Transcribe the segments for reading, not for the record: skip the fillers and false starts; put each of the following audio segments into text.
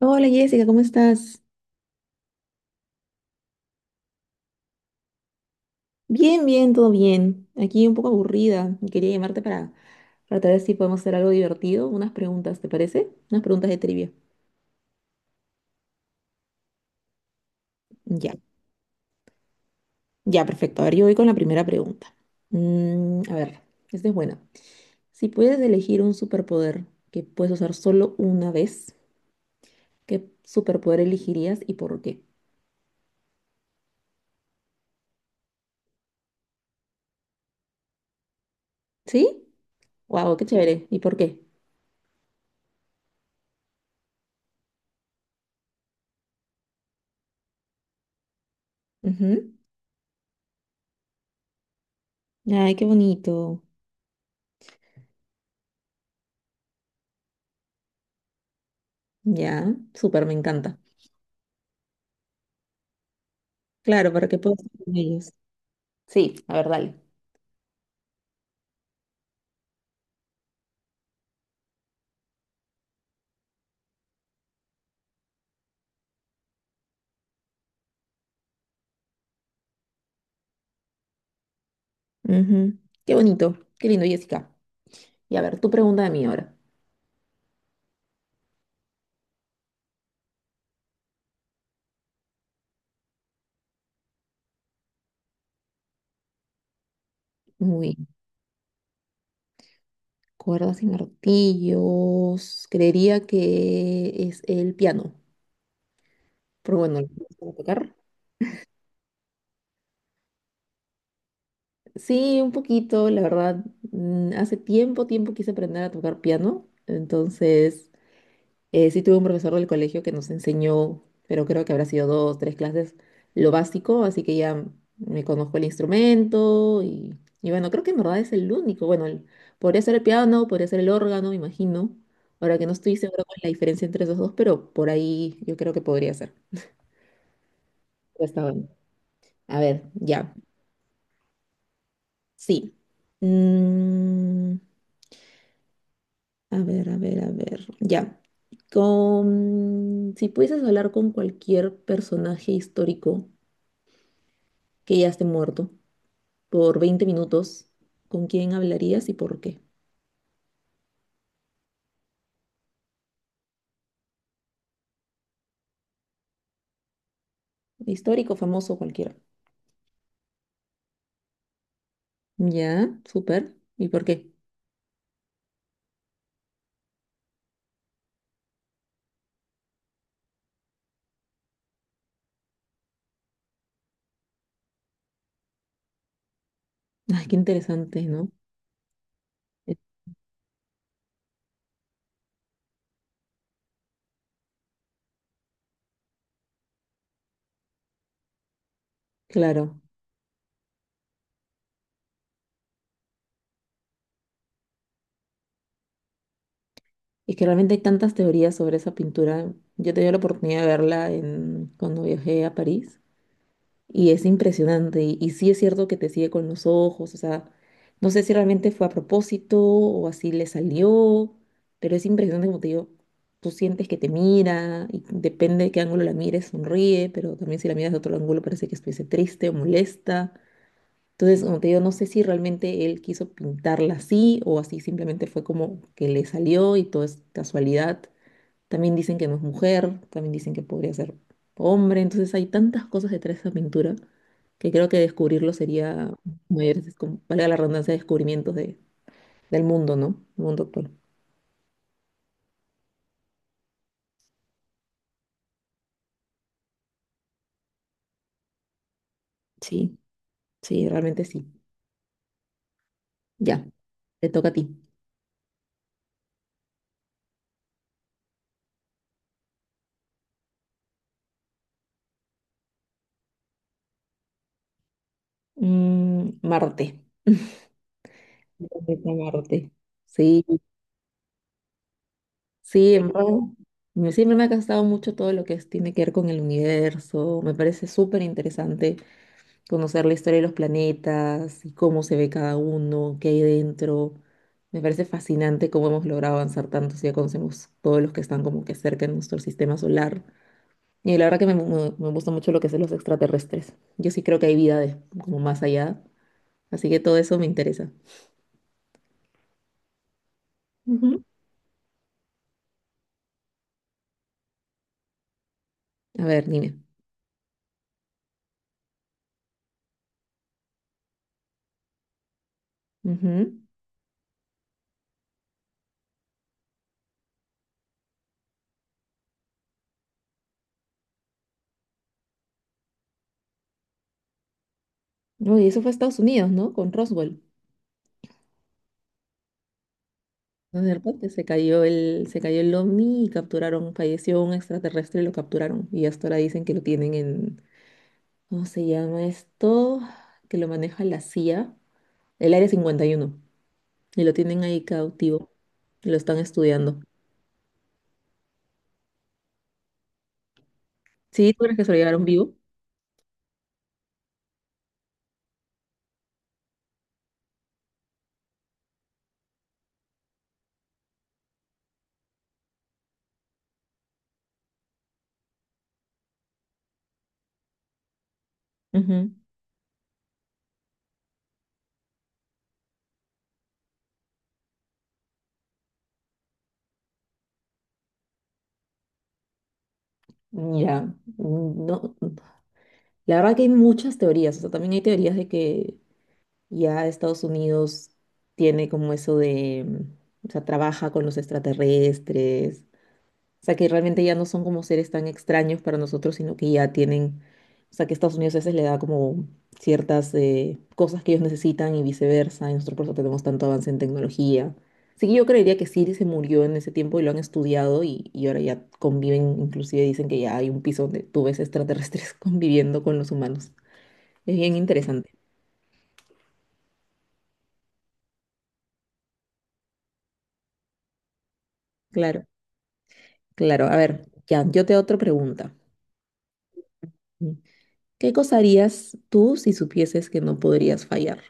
Hola, Jessica, ¿cómo estás? Bien, bien, todo bien. Aquí un poco aburrida. Quería llamarte para ver si podemos hacer algo divertido. Unas preguntas, ¿te parece? Unas preguntas de trivia. Ya, ya, perfecto. A ver, yo voy con la primera pregunta. A ver, esta es buena. Si puedes elegir un superpoder que puedes usar solo una vez, ¿qué superpoder elegirías y por qué? ¿Sí? ¡Wow! ¡Qué chévere! ¿Y por qué? Ujú. Ay, qué bonito. Ya, súper, me encanta. Claro, para que puedas estar con ellos. Sí, a ver, dale. Ujú. Qué bonito, qué lindo, Jessica. Y a ver, tu pregunta de mí ahora. Uy, cuerdas y martillos. Creería que es el piano. Pero bueno, ¿lo puedo tocar? Sí, un poquito, la verdad. Hace tiempo quise aprender a tocar piano. Entonces, sí tuve un profesor del colegio que nos enseñó, pero creo que habrá sido dos, tres clases, lo básico, así que ya me conozco el instrumento y bueno, creo que en verdad es el único. Bueno, podría ser el piano, podría ser el órgano, me imagino. Ahora que no estoy segura con la diferencia entre esos dos, pero por ahí yo creo que podría ser. Ya, está bueno. A ver, ya. Sí. Mm, a ver, a ver. Ya. Si pudieses hablar con cualquier personaje histórico que ya esté muerto por 20 minutos, ¿con quién hablarías y por qué? Histórico, famoso, cualquiera. Ya, súper. ¿Y por qué? Ay, qué interesante, ¿no? Eh, claro. Es que realmente hay tantas teorías sobre esa pintura. Yo tenía la oportunidad de verla en, cuando viajé a París. Y es impresionante. Y sí es cierto que te sigue con los ojos. O sea, no sé si realmente fue a propósito o así le salió. Pero es impresionante, como te digo. Tú sientes que te mira y depende de qué ángulo la mires, sonríe, pero también si la miras de otro ángulo parece que estuviese triste o molesta. Entonces, como te digo, no sé si realmente él quiso pintarla así o así simplemente fue como que le salió y todo es casualidad. También dicen que no es mujer, también dicen que podría ser hombre. Entonces hay tantas cosas detrás de esa pintura que creo que descubrirlo sería mayores, valga la redundancia, descubrimientos de, del mundo, ¿no? El mundo actual. Sí, sí, realmente sí. Ya, te toca a ti. Mm, Marte. El planeta Marte. Sí, sí, en verdad, siempre me ha gustado mucho todo lo que tiene que ver con el universo. Me parece súper interesante. Conocer la historia de los planetas y cómo se ve cada uno, qué hay dentro. Me parece fascinante cómo hemos logrado avanzar tanto si ya conocemos todos los que están como que cerca de nuestro sistema solar. Y la verdad que me gusta mucho lo que son los extraterrestres. Yo sí creo que hay vida como más allá, así que todo eso me interesa. Ujú. A ver, dime. Ujú. No, y eso fue Estados Unidos, ¿no? Con Roswell. ¿No? De repente se cayó el OVNI y capturaron, falleció un extraterrestre y lo capturaron. Y hasta ahora dicen que lo tienen en, ¿cómo se llama esto? Que lo maneja la CIA, el Área 51, y uno, y lo tienen ahí cautivo, y lo están estudiando. ¿Sí? ¿Tú crees que se lo llevaron vivo? Ujú. Mira, mm, no, la verdad que hay muchas teorías, o sea, también hay teorías de que ya Estados Unidos tiene como eso de, o sea, trabaja con los extraterrestres. O sea, que realmente ya no son como seres tan extraños para nosotros, sino que ya tienen, o sea, que Estados Unidos a veces le da como ciertas cosas que ellos necesitan y viceversa, y nosotros por eso tenemos tanto avance en tecnología. Así que yo creería que Siri se murió en ese tiempo y lo han estudiado y ahora ya conviven, inclusive dicen que ya hay un piso donde tú ves extraterrestres conviviendo con los humanos. Es bien interesante. Claro, claro. A ver, ya, yo te hago otra pregunta. ¿Qué cosa harías tú si supieses que no podrías fallar?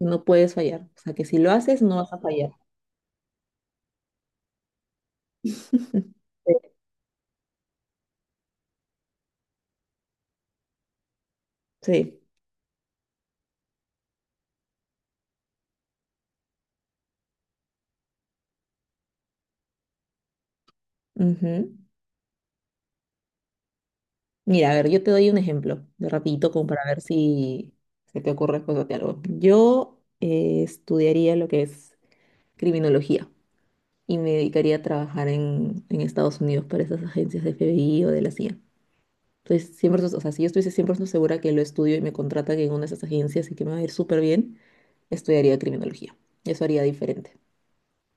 No puedes fallar. O sea, que si lo haces, no vas a fallar. Sí. Sí. Ujú. Mira, a ver, yo te doy un ejemplo de rapidito como para ver si se te ocurre después de algo. Yo estudiaría lo que es criminología y me dedicaría a trabajar en Estados Unidos para esas agencias de FBI o de la CIA. Entonces, siempre, o sea, si yo estuviese 100% segura que lo estudio y me contratan en una de esas agencias y que me va a ir súper bien, estudiaría criminología. Eso haría diferente.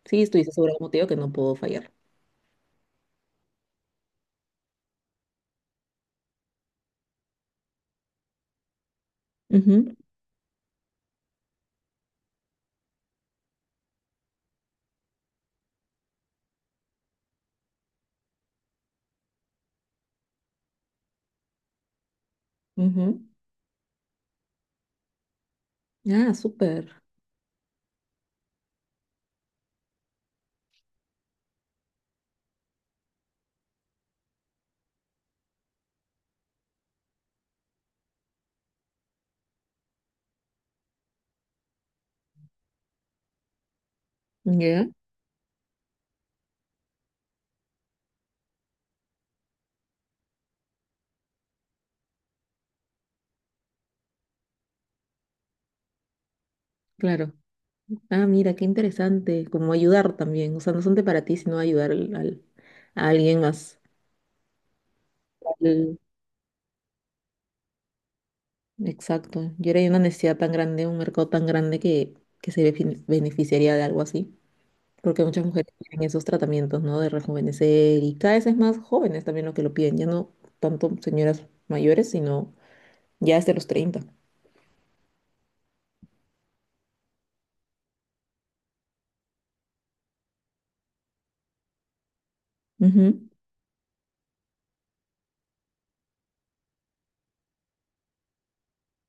Sí, estuviese segura, como te digo, que no puedo fallar. Ujú, ujú. Ah, súper. Ya, claro. Ah, mira, qué interesante. Como ayudar también. O sea, no solamente para ti, sino ayudar al a alguien más. Mm, exacto. Yo era de una necesidad tan grande, un mercado tan grande que se beneficiaría de algo así. Porque muchas mujeres tienen esos tratamientos, ¿no? De rejuvenecer y cada vez es más jóvenes también lo que lo piden. Ya no tanto señoras mayores, sino ya desde los 30. Ujú.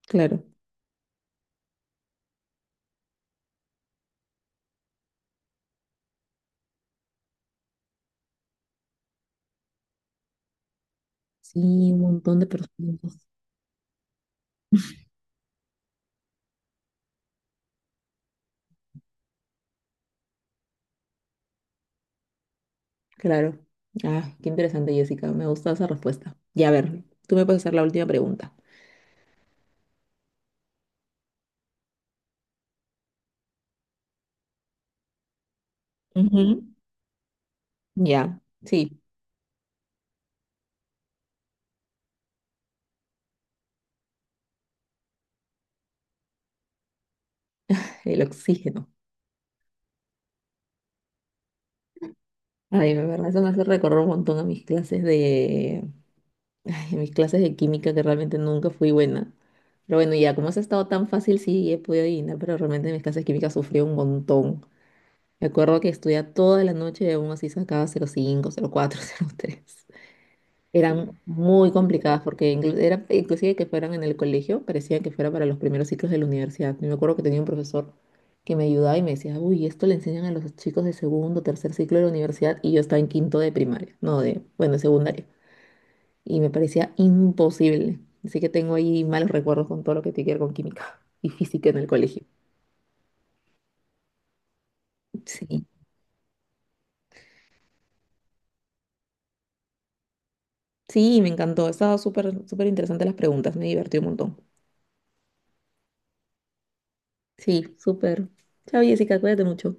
Claro. Sí, un montón de personas. Claro. Ah, qué interesante, Jessica. Me gusta esa respuesta. Ya, a ver, tú me puedes hacer la última pregunta. Ujú. Ya, sí, el oxígeno. Ay, de verdad, eso me hace recorrer un montón a mis clases de... ay, a mis clases de química que realmente nunca fui buena. Pero bueno, ya, como has estado tan fácil, sí, he podido adivinar, pero realmente en mis clases de química sufrí un montón. Me acuerdo que estudiaba toda la noche y aún así sacaba 0,5, 0,4, tres. Eran muy complicadas porque inclusive que fueran en el colegio, parecía que fuera para los primeros ciclos de la universidad. Yo me acuerdo que tenía un profesor que me ayudaba y me decía, uy, esto le enseñan a los chicos de segundo, tercer ciclo de la universidad y yo estaba en quinto de primaria, no de, bueno, de secundaria. Y me parecía imposible. Así que tengo ahí malos recuerdos con todo lo que tiene que ver con química y física en el colegio. Sí, sí, me encantó. Estaba súper, súper interesante las preguntas, me divertí un montón. Sí, súper. Chao, Jessica, cuídate mucho.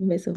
Un beso.